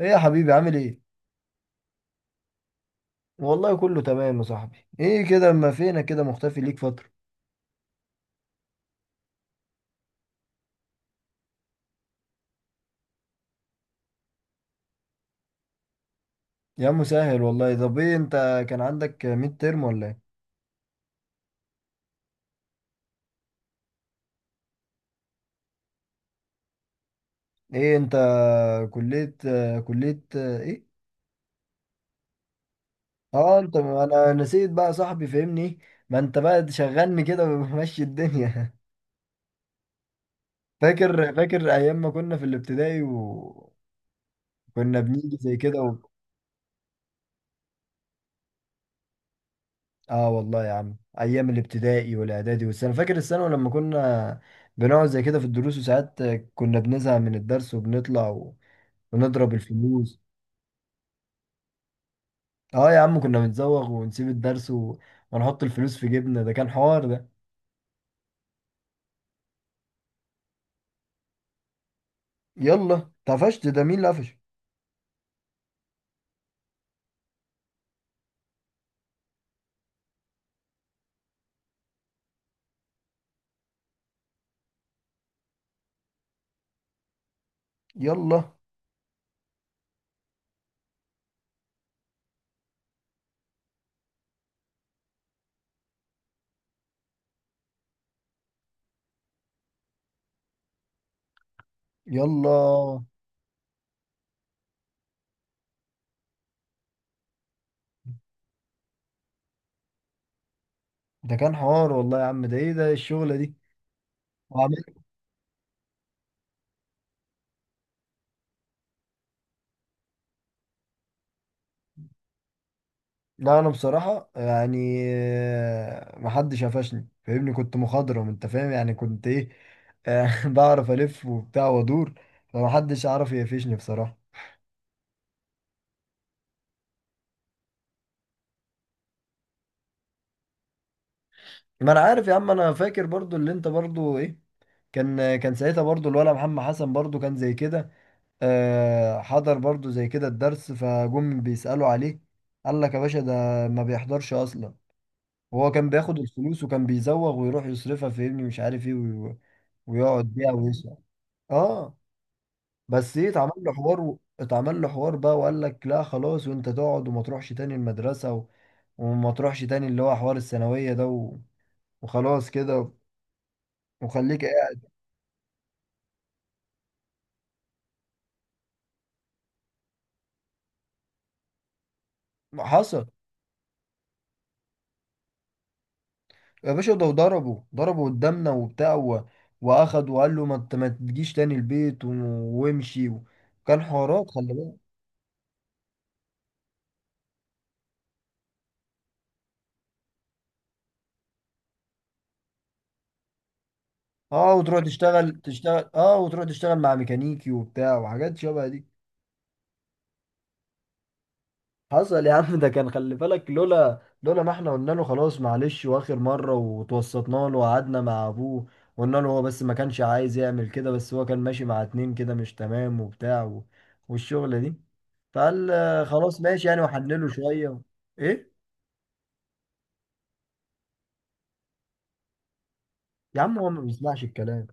ايه يا حبيبي عامل ايه؟ والله كله تمام يا صاحبي. ايه كده اما فينك كده مختفي ليك فترة. يا عم سهل والله. طب ايه انت، كان عندك ميد ترم ولا ايه؟ ايه انت، كلية، كلية ايه؟ اه انت، انا نسيت بقى يا صاحبي فهمني. ما انت بقى تشغلني كده ومشي الدنيا. فاكر فاكر ايام ما كنا في الابتدائي وكنا بنيجي زي كده. اه والله يا عم، ايام الابتدائي والاعدادي والسنه، فاكر الثانوي لما كنا بنقعد زي كده في الدروس، وساعات كنا بنزهق من الدرس وبنطلع ونضرب الفلوس. اه يا عم كنا بنزوغ ونسيب الدرس ونحط الفلوس في جيبنا. ده كان حوار ده. يلا طفشت، ده مين اللي قفش؟ يلا يلا، ده كان حوار والله يا عم. ده ايه ده الشغله دي؟ لا، انا بصراحه يعني محدش قفشني فاهمني، كنت مخضرم، انت فاهم، يعني كنت ايه بعرف الف وبتاع وادور، فمحدش عارف يقفشني بصراحه. ما انا عارف يا عم. انا فاكر برضو اللي انت برضو ايه. كان ساعتها برضو الولا محمد حسن برضو كان زي كده حضر برضو زي كده الدرس، فجم بيسالوا عليه، قال لك يا باشا ده ما بيحضرش اصلا. وهو كان بياخد الفلوس وكان بيزوغ ويروح يصرفها فاهمني، مش عارف ايه، ويقعد بيها ويسرق. اه بس ايه، اتعمل له حوار بقى وقال لك لا خلاص، وانت تقعد وما تروحش تاني المدرسة، وما تروحش تاني، اللي هو حوار الثانوية ده، وخلاص كده، وخليك قاعد. حصل. يا باشا ده ضربه ضربه قدامنا وبتاع، واخد وقال له ما انت ما تجيش تاني البيت، وامشي. كان حوارات، خلي بالك. اه وتروح تشتغل، تشتغل، اه وتروح تشتغل مع ميكانيكي وبتاع، وحاجات شبه دي. حصل يا عم. ده كان خلي بالك، لولا ما احنا قلنا له خلاص معلش واخر مرة، وتوسطنا له وقعدنا مع ابوه، قلنا له. هو بس ما كانش عايز يعمل كده، بس هو كان ماشي مع اتنين كده مش تمام وبتاع، والشغلة دي. فقال خلاص ماشي يعني، وحنله شوية. ايه يا عم هو ما بيسمعش الكلام.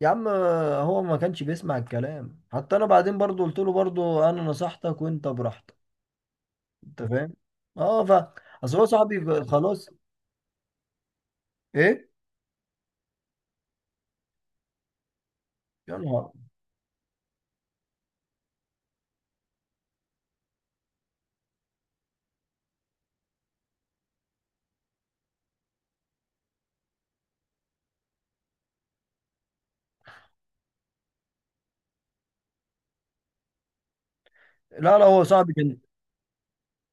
يا عم هو ما كانش بيسمع الكلام، حتى انا بعدين برضو قلت له برضو انا نصحتك وانت براحتك، انت فاهم. اه ف... اصل هو صاحبي خلاص. ايه. يا نهار. لا لا، هو صاحبي كان،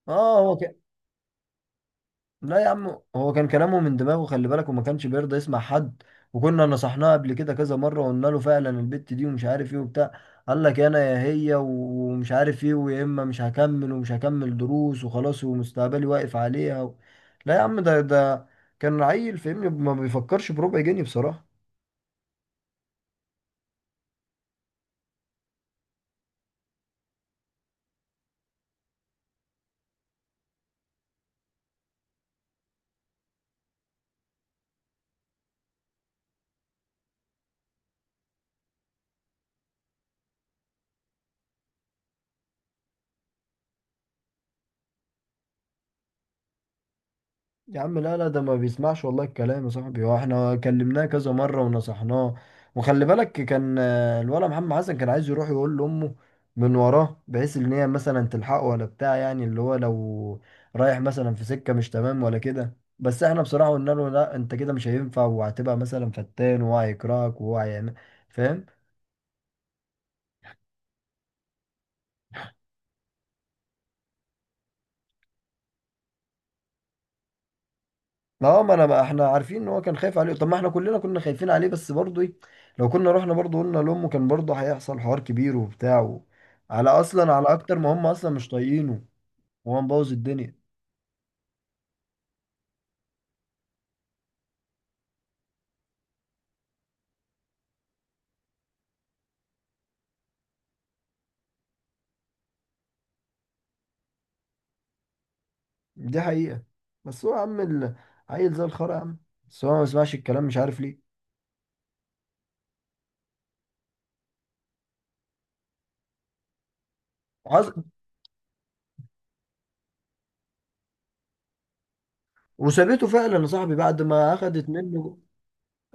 اه هو كان، لا يا عم هو كان كلامه من دماغه خلي بالك، وما كانش بيرضى يسمع حد. وكنا نصحناه قبل كده كذا مرة وقلنا له فعلا البت دي ومش عارف ايه وبتاع. قال لك انا يا هي ومش عارف ايه، ويا اما مش هكمل ومش هكمل دروس وخلاص، ومستقبلي واقف عليها. لا يا عم، ده كان عيل فاهمني، ما بيفكرش بربع جنيه بصراحة. يا عم لا لا، ده ما بيسمعش والله الكلام يا صاحبي. هو احنا كلمناه كذا مرة ونصحناه. وخلي بالك كان الولد محمد حسن كان عايز يروح يقول لأمه من وراه، بحيث ان هي مثلا تلحقه ولا بتاع، يعني اللي هو لو رايح مثلا في سكة مش تمام ولا كده. بس احنا بصراحة قلنا له لا، انت كده مش هينفع، وهتبقى مثلا فتان، وهو هيكرهك وهو هيعمل، فاهم. اه ما احنا عارفين ان هو كان خايف عليه. طب ما احنا كلنا كنا خايفين عليه، بس برضه ايه، لو كنا رحنا برضه قلنا لامه كان برضه هيحصل حوار كبير وبتاع، على اصلا على اكتر ما هم اصلا مش طايقينه، وهو مبوظ الدنيا. دي حقيقة. بس هو يا عم عيل زي الخرا يا عم. بس هو ما بيسمعش الكلام مش عارف ليه. عز... وسابته فعلا يا صاحبي بعد ما اخدت منه.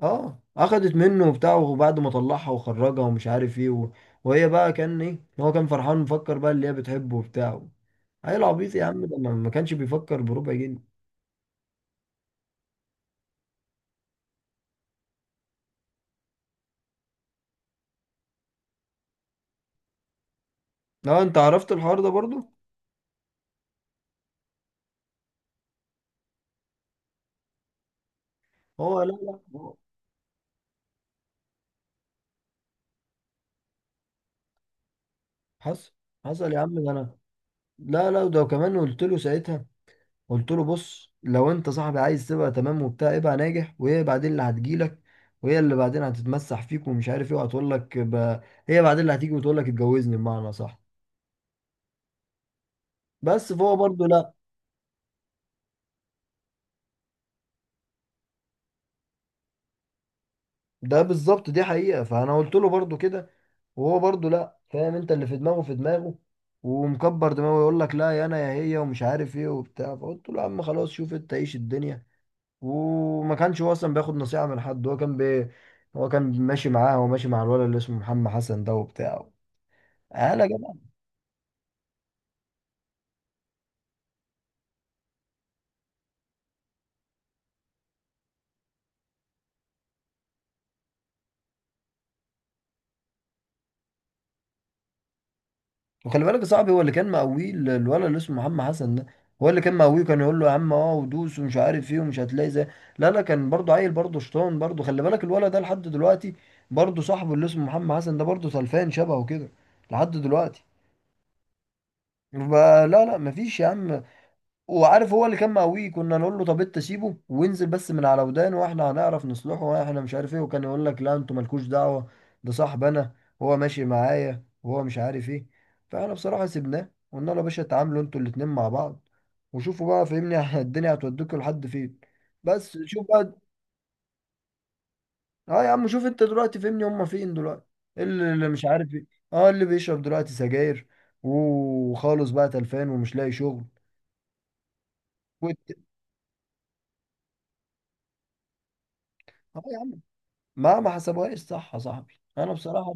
اه اخدت منه وبتاع، وبعد ما طلعها وخرجها ومش عارف ايه، وهي بقى كان ايه، هو كان فرحان مفكر بقى اللي هي بتحبه وبتاع. عيل عبيط يا عم، ده ما كانش بيفكر بربع جنيه. لا انت عرفت الحوار ده برضو. هو لا لا هو. حصل. حصل يا عم ده انا. لا لا ده كمان، قلت له ساعتها، قلت له بص لو انت صاحبي عايز تبقى تمام وبتاع ابقى ناجح، وهي بعدين اللي هتجيلك، وهي اللي بعدين هتتمسح فيك ومش عارف ايه وهتقول لك هي بعدين اللي هتيجي وتقول لك اتجوزني بمعنى صح. بس فهو برضو لا. ده بالظبط دي حقيقة. فأنا قلت له برضو كده، وهو برضو لأ فاهم أنت، اللي في دماغه ومكبر دماغه، يقول لك لا يا أنا يا هي ومش عارف إيه وبتاع. فقلت له يا عم خلاص شوف أنت عيش الدنيا. وما كانش هو أصلا بياخد نصيحة من حد. هو كان هو كان ماشي معاه وماشي مع الولد اللي اسمه محمد حسن ده وبتاع. أنا جاب. وخلي بالك يا صاحبي هو اللي كان مقويه، الولد اللي اسمه محمد حسن ده هو اللي كان مقويه، كان يقول له يا عم اه ودوس ومش عارف ايه ومش هتلاقي زي. لا لا، كان برضه عيل برضه شطان برضه، خلي بالك الولد ده لحد دلوقتي برضه صاحبه اللي اسمه محمد حسن ده برضه سلفان شبهه كده لحد دلوقتي. فلا لا لا مفيش يا عم. وعارف هو اللي كان مقويه، كنا نقول له طب انت سيبه، وانزل بس من على ودانه واحنا هنعرف نصلحه، واحنا مش عارف ايه، وكان يقول لك لا انتوا مالكوش دعوه، ده صاحبنا، هو ماشي معايا وهو مش عارف ايه. فاحنا بصراحه سيبناه، قلنا له يا باشا اتعاملوا انتوا الاتنين مع بعض وشوفوا بقى فهمني، الدنيا هتوديكوا لحد فين، بس شوف بقى. اه يا عم شوف انت دلوقتي فهمني، هما فين دلوقتي؟ إيه اللي مش عارف ايه. اه اللي بيشرب دلوقتي سجاير وخالص بقى تلفان ومش لاقي شغل. وت... اه يا عم، ما حسبوهاش صح يا صاحبي انا بصراحه.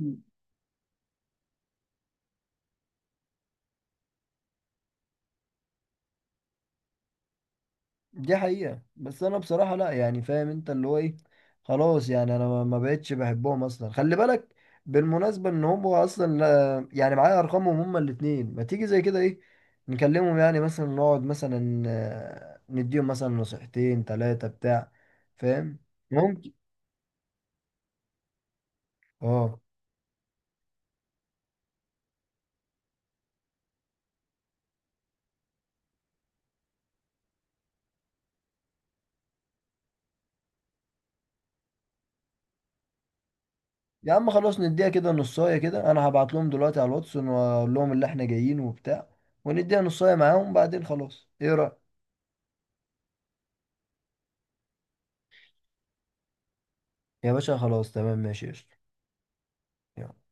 دي حقيقه. بس انا بصراحه لا يعني فاهم انت اللي هو ايه، خلاص يعني انا ما بقتش بحبهم اصلا خلي بالك. بالمناسبه ان هم اصلا لا يعني، معايا ارقامهم هما الاثنين، ما تيجي زي كده ايه نكلمهم، يعني مثلا نقعد مثلا نديهم مثلا نصيحتين ثلاثه بتاع، فاهم. ممكن. اه يا عم خلاص نديها كده نصايه كده، انا هبعت لهم دلوقتي على الواتس واقول لهم اللي احنا جايين وبتاع، ونديها نصايه معاهم بعدين خلاص، ايه رأيك؟ يا باشا خلاص تمام ماشي قشطة. يلا.